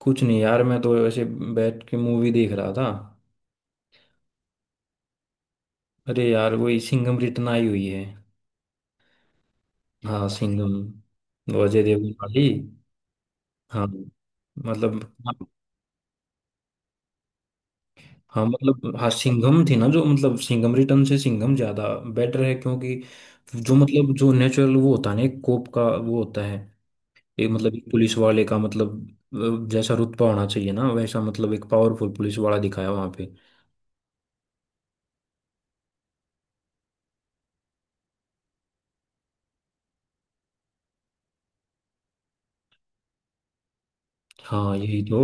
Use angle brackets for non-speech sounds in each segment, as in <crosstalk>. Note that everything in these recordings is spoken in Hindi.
कुछ नहीं यार, मैं तो ऐसे बैठ के मूवी देख रहा था। अरे यार, वही सिंघम रिटर्न आई हुई है। हाँ, सिंघम। वो अजय देवगन वाली। हाँ। मतलब हाँ मतलब हाँ, सिंघम थी ना जो, मतलब सिंघम रिटर्न से सिंघम ज्यादा बेटर है क्योंकि जो, मतलब जो नेचुरल वो होता है ना, एक कोप का वो होता है। एक, मतलब एक पुलिस वाले का मतलब जैसा रुतबा होना चाहिए ना वैसा, मतलब एक पावरफुल पुलिस वाला दिखाया वहां पे। हाँ, यही तो।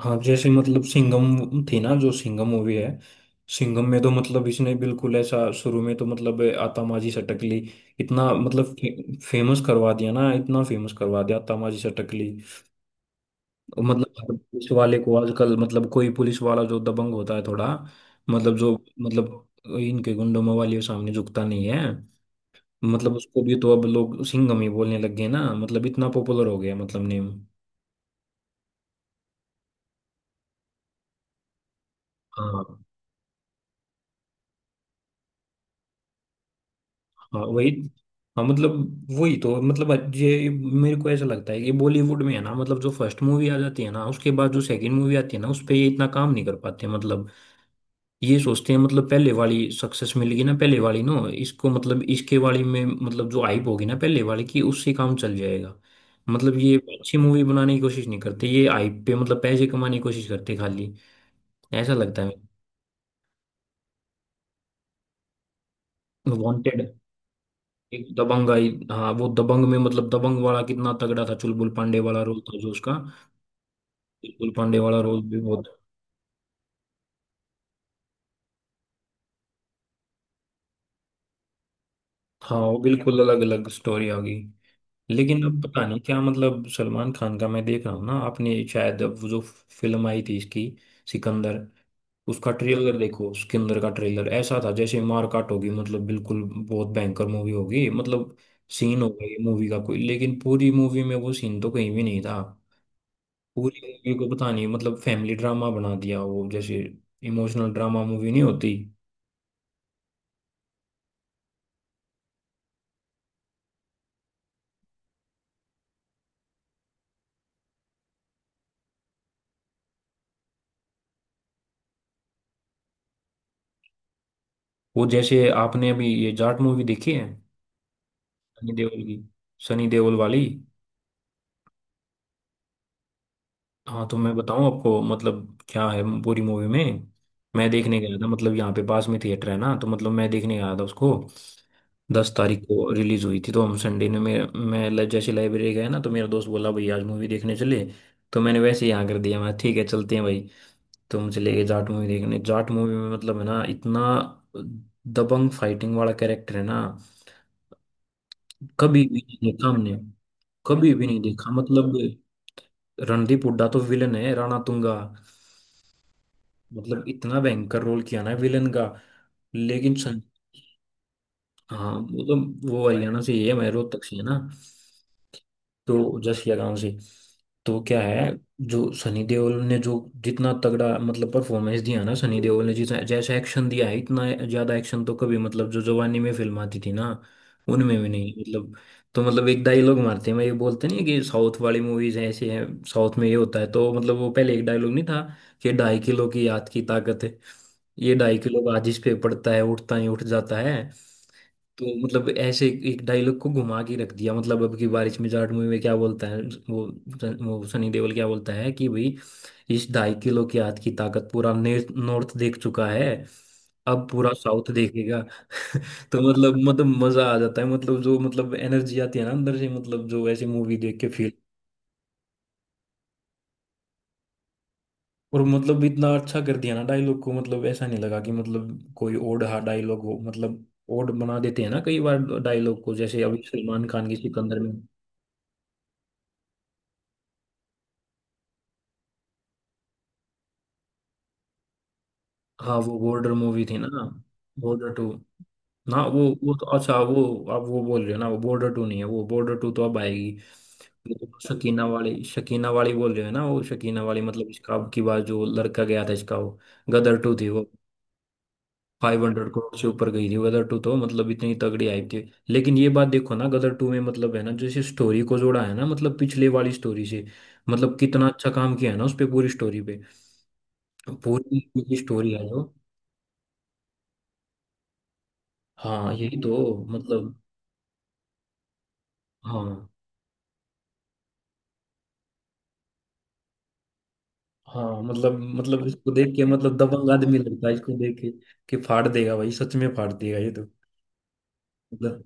हाँ, जैसे मतलब सिंघम थी ना जो, सिंघम मूवी है। सिंघम में तो मतलब इसने बिल्कुल ऐसा शुरू में तो मतलब आतामाजी सटकली इतना, मतलब फेमस करवा दिया ना, इतना फेमस करवा दिया आतामाजी सटकली। और मतलब हर पुलिस वाले को आजकल, मतलब कोई पुलिस वाला जो दबंग होता है थोड़ा, मतलब जो मतलब इनके गुंडों वाले के सामने झुकता नहीं है, मतलब उसको भी तो अब लोग सिंघम ही बोलने लग गए ना, मतलब इतना पॉपुलर हो गया मतलब नेम। हाँ। हाँ, वही। हाँ, मतलब वही तो, मतलब ये मेरे को ऐसा लगता है कि बॉलीवुड में है ना, मतलब जो फर्स्ट मूवी आ जाती है ना, उसके बाद जो सेकंड मूवी आती है ना, उस पे ये इतना काम नहीं कर पाते मतलब। ये सोचते हैं मतलब पहले वाली सक्सेस मिलेगी ना, पहले वाली ना, इसको मतलब इसके वाली में मतलब जो हाइप होगी ना पहले वाली की, उससे काम चल जाएगा। मतलब ये अच्छी मूवी बनाने की कोशिश नहीं करते, ये हाइप पे मतलब पैसे कमाने की कोशिश करते खाली। ऐसा लगता है। वांटेड। एक दबंग आई। हाँ, वो दबंग में मतलब दबंग वाला कितना तगड़ा था, चुलबुल पांडे वाला रोल था जो उसका। चुलबुल पांडे वाला रोल भी बहुत। हाँ, वो बिल्कुल अलग अलग स्टोरी आ गई। लेकिन अब पता नहीं क्या, मतलब सलमान खान का मैं देख रहा हूँ ना, आपने शायद अब वो जो फिल्म आई थी इसकी, सिकंदर। उसका ट्रेलर देखो, सिकंदर का ट्रेलर ऐसा था जैसे मारकाट होगी, मतलब बिल्कुल बहुत भयंकर मूवी होगी, मतलब सीन होगा ये मूवी का कोई, लेकिन पूरी मूवी में वो सीन तो कहीं भी नहीं था। पूरी मूवी को पता नहीं, मतलब फैमिली ड्रामा बना दिया, वो जैसे इमोशनल ड्रामा मूवी नहीं होती। वो जैसे आपने अभी ये जाट मूवी देखी है सनी देओल की, सनी देओल वाली। हाँ तो मैं बताऊं आपको, मतलब क्या है पूरी मूवी में। मैं देखने गया था, मतलब यहाँ पे पास में थिएटर है ना, तो मतलब मैं देखने गया था उसको। 10 तारीख को रिलीज हुई थी, तो हम संडे ने, मैं जैसे लाइब्रेरी गया ना, तो मेरा दोस्त बोला भाई आज मूवी देखने चले, तो मैंने वैसे ही हाँ कर दिया, मैं ठीक है चलते हैं भाई। तो मुझे ले गए जाट मूवी देखने, जाट मूवी में मतलब है ना इतना दबंग फाइटिंग वाला कैरेक्टर है ना। कभी भी नहीं देखा हमने। कभी भी नहीं देखा, मतलब रणदीप हुड्डा तो विलन है, राणा तुंगा, मतलब इतना भयंकर रोल किया ना विलन का। लेकिन हाँ वो तो वो हरियाणा से ही है, मैं रोहतक से है ना। तो जस या गांव से। तो क्या है, जो सनी देओल ने जो जितना तगड़ा, मतलब परफॉर्मेंस दिया ना सनी देओल ने, जितना जैसा एक्शन दिया है, इतना ज्यादा एक्शन तो कभी, मतलब जो जवानी में फिल्म आती थी ना, उनमें भी नहीं मतलब। तो मतलब एक डायलॉग मारते हैं मैं, ये बोलते नहीं है कि साउथ वाली मूवीज ऐसे हैं, साउथ में ये होता है, तो मतलब वो पहले एक डायलॉग नहीं था कि ढाई किलो की याद की ताकत है, ये ढाई किलो का जिस पे पड़ता है उठता ही उठ जाता है। तो मतलब ऐसे एक डायलॉग को घुमा के रख दिया, मतलब अब की बारिश में जाट मूवी में क्या बोलता है वो वो सनी देओल क्या बोलता है कि भाई, इस ढाई किलो के हाथ की ताकत पूरा नॉर्थ देख चुका है, अब पूरा साउथ देखेगा। तो मतलब मजा आ जाता है, मतलब जो मतलब एनर्जी आती है ना अंदर से, मतलब जो ऐसी मूवी देख के फील। और मतलब इतना अच्छा कर दिया ना डायलॉग को, मतलब ऐसा नहीं लगा कि मतलब कोई ओड हा डायलॉग हो, मतलब ओड बना देते हैं ना कई बार डायलॉग को, जैसे अभी सलमान खान की सिकंदर में। हाँ, वो बॉर्डर मूवी थी ना। बॉर्डर टू ना, वो तो अच्छा वो, आप वो बोल रहे हो ना, वो बॉर्डर टू नहीं है वो, बॉर्डर टू तो अब आएगी। वो तो शकीना वाली, शकीना वाली बोल रहे हो ना, वो शकीना वाली, मतलब इसका अब की बार जो लड़का गया था इसका, वो गदर टू थी वो। 500 करोड़ से ऊपर गई थी गदर टू, तो मतलब इतनी तगड़ी आई थी। लेकिन ये बात देखो ना, गदर टू में मतलब है ना जैसे स्टोरी को जोड़ा है ना मतलब पिछले वाली स्टोरी से, मतलब कितना अच्छा काम किया है ना उस पे पूरी स्टोरी पे, पूरी स्टोरी है जो। हाँ, यही तो। मतलब हाँ, हाँ, मतलब इसको देख के, मतलब दबंग आदमी लगता है इसको देख के, कि फाड़ देगा भाई, सच में फाड़ देगा ये तो, मतलब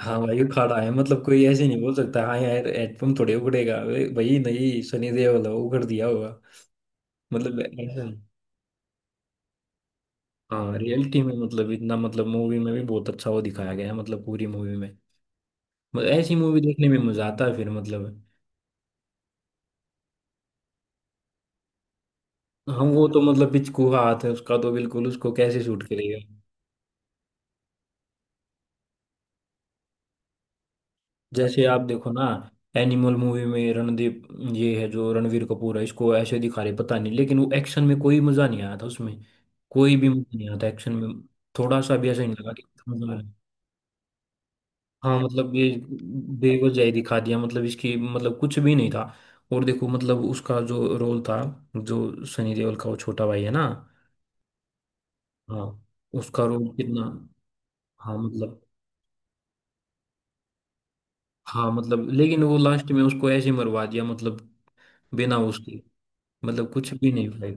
हाँ भाई उखाड़ा है। मतलब कोई ऐसे नहीं बोल सकता हाँ यार हेडपम्प थोड़े उगड़ेगा, अरे भाई नहीं, सनी देओल है, उगड़ दिया होगा, मतलब ऐसा। हाँ रियलिटी में मतलब इतना, मतलब मूवी में भी बहुत अच्छा वो दिखाया गया है, मतलब पूरी मूवी में, मतलब ऐसी मूवी देखने में मजा आता है फिर मतलब। हम वो तो मतलब पिचकू हाथ है उसका तो बिल्कुल, उसको कैसे शूट करेगा। जैसे आप देखो ना एनिमल मूवी में, रणदीप, ये है जो रणवीर कपूर है, इसको ऐसे दिखा रहे पता नहीं, लेकिन वो एक्शन में कोई मजा नहीं आया था उसमें, कोई भी मजा नहीं आता एक्शन में, थोड़ा सा भी ऐसा नहीं लगा कि मजा आ रहा है। हाँ, मतलब ये बेवजह ही दिखा दिया, मतलब इसकी, मतलब कुछ भी नहीं था। और देखो, मतलब उसका जो रोल था, जो सनी देओल का वो छोटा भाई है ना। हाँ, उसका रोल कितना, हाँ मतलब, हाँ मतलब लेकिन वो लास्ट में उसको ऐसे मरवा दिया, मतलब बिना उसके, मतलब कुछ भी नहीं भाई।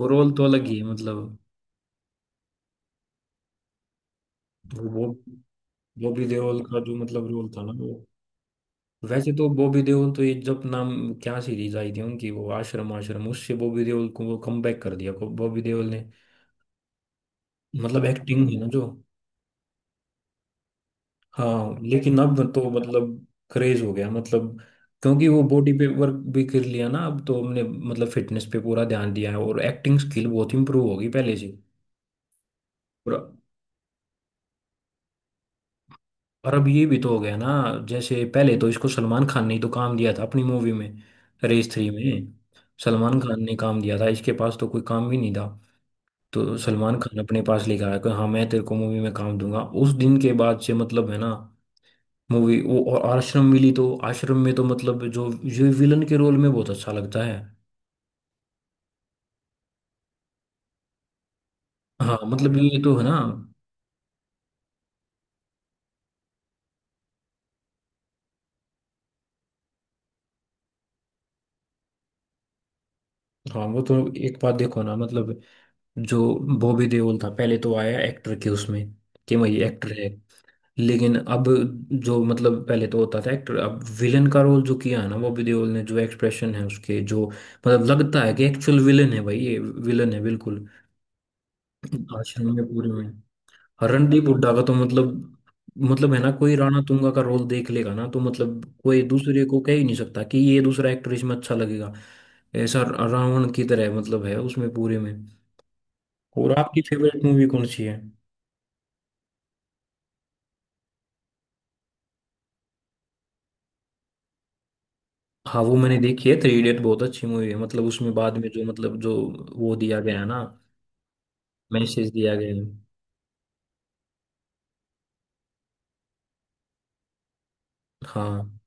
वो रोल तो अलग ही है, मतलब वो बॉबी देओल का जो मतलब रोल था ना वो। वैसे तो बॉबी देओल तो ये जब नाम, क्या सीरीज आई थी उनकी वो, आश्रम, आश्रम उससे बॉबी देओल को वो कमबैक कर दिया, बॉबी देओल ने मतलब एक्टिंग है ना जो। हाँ लेकिन अब तो मतलब क्रेज हो गया, मतलब क्योंकि वो बॉडी पे वर्क भी कर लिया ना, अब तो हमने मतलब फिटनेस पे पूरा ध्यान दिया है, और एक्टिंग स्किल बहुत इंप्रूव होगी पहले से। और अब ये भी तो हो गया ना, जैसे पहले तो इसको सलमान खान ने ही तो काम दिया था अपनी मूवी में, रेस 3 में। सलमान खान ने काम दिया था, इसके पास तो कोई काम भी नहीं था, तो सलमान खान अपने पास लेकर आया कि हाँ मैं तेरे को मूवी में काम दूंगा। उस दिन के बाद से मतलब है ना मूवी वो और आश्रम मिली, तो आश्रम में तो मतलब जो, जो विलन के रोल में बहुत अच्छा लगता है। हाँ, मतलब ये तो है ना। हाँ वो तो। एक बात देखो ना, मतलब जो बॉबी देओल था, पहले तो आया एक्टर के उसमें कि भाई एक्टर है, लेकिन अब जो, मतलब पहले तो होता था एक्टर, अब विलन का रोल जो किया है ना बॉबी देओल ने, जो एक्सप्रेशन है उसके, जो मतलब लगता है कि एक्चुअल विलन है भाई, ये विलन है बिल्कुल, आश्रम में पूरे में। और रणदीप हुड्डा का तो मतलब, मतलब है ना, कोई राणा तुंगा का रोल देख लेगा ना, तो मतलब कोई दूसरे को कह ही नहीं सकता कि ये दूसरा एक्टर इसमें अच्छा लगेगा। ऐसा रावण की तरह मतलब है उसमें पूरे में। और आपकी फेवरेट मूवी कौन सी है? हाँ वो मैंने देखी है, 3 इडियट बहुत अच्छी मूवी है, मतलब उसमें बाद में जो, मतलब जो वो दिया गया है ना, मैसेज दिया गया है। हाँ,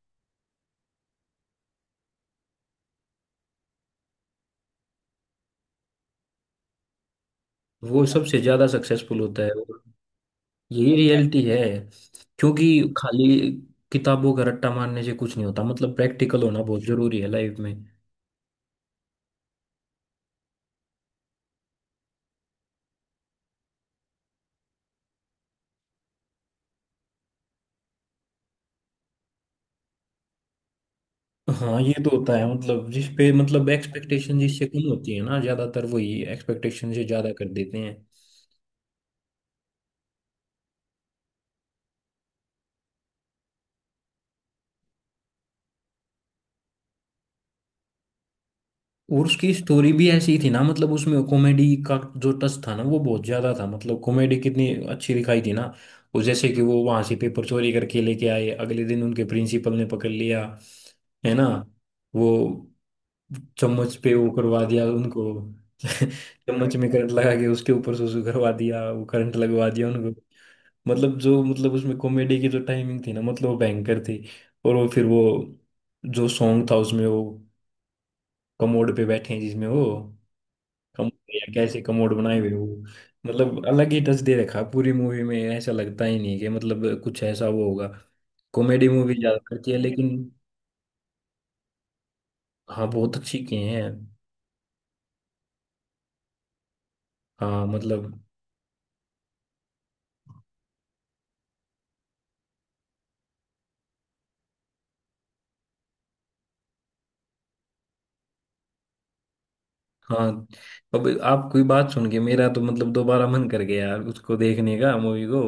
वो सबसे ज्यादा सक्सेसफुल होता है, और यही रियलिटी है क्योंकि खाली किताबों का रट्टा मारने से कुछ नहीं होता, मतलब प्रैक्टिकल होना बहुत जरूरी है लाइफ में। हाँ ये तो होता है, मतलब जिस पे मतलब एक्सपेक्टेशन जिससे कम होती है ना, ज्यादातर वही एक्सपेक्टेशन से ज्यादा कर देते हैं। और उसकी स्टोरी भी ऐसी थी ना, मतलब उसमें कॉमेडी का जो टच था ना वो बहुत ज्यादा था, मतलब कॉमेडी कितनी अच्छी दिखाई थी ना। और जैसे कि वो वहां से पेपर चोरी करके लेके आए अगले दिन उनके प्रिंसिपल ने पकड़ लिया है ना। वो चम्मच पे वो करवा दिया उनको <laughs> चम्मच में करंट लगा के उसके ऊपर सुसु करवा दिया, वो करंट लगवा दिया उनको। मतलब जो, मतलब उसमें कॉमेडी की जो टाइमिंग थी ना, मतलब वो भयंकर थी। और वो फिर वो जो सॉन्ग था उसमें, वो कमोड पे बैठे हैं जिसमें वो कम, या कैसे कमोड बनाए हुए हो। मतलब अलग ही टच दे रखा है पूरी मूवी में, ऐसा लगता ही नहीं कि मतलब कुछ ऐसा वो होगा, कॉमेडी मूवी ज्यादा करती है लेकिन। हाँ बहुत अच्छी किए हैं। हाँ मतलब, हाँ अब आप कोई बात सुन के, मेरा तो मतलब दोबारा मन कर गया यार उसको देखने का, मूवी को।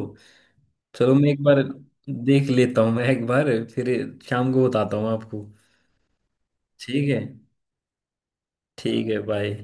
चलो मैं एक बार देख लेता हूँ, मैं एक बार फिर शाम को बताता हूँ आपको। ठीक है। ठीक है, बाय।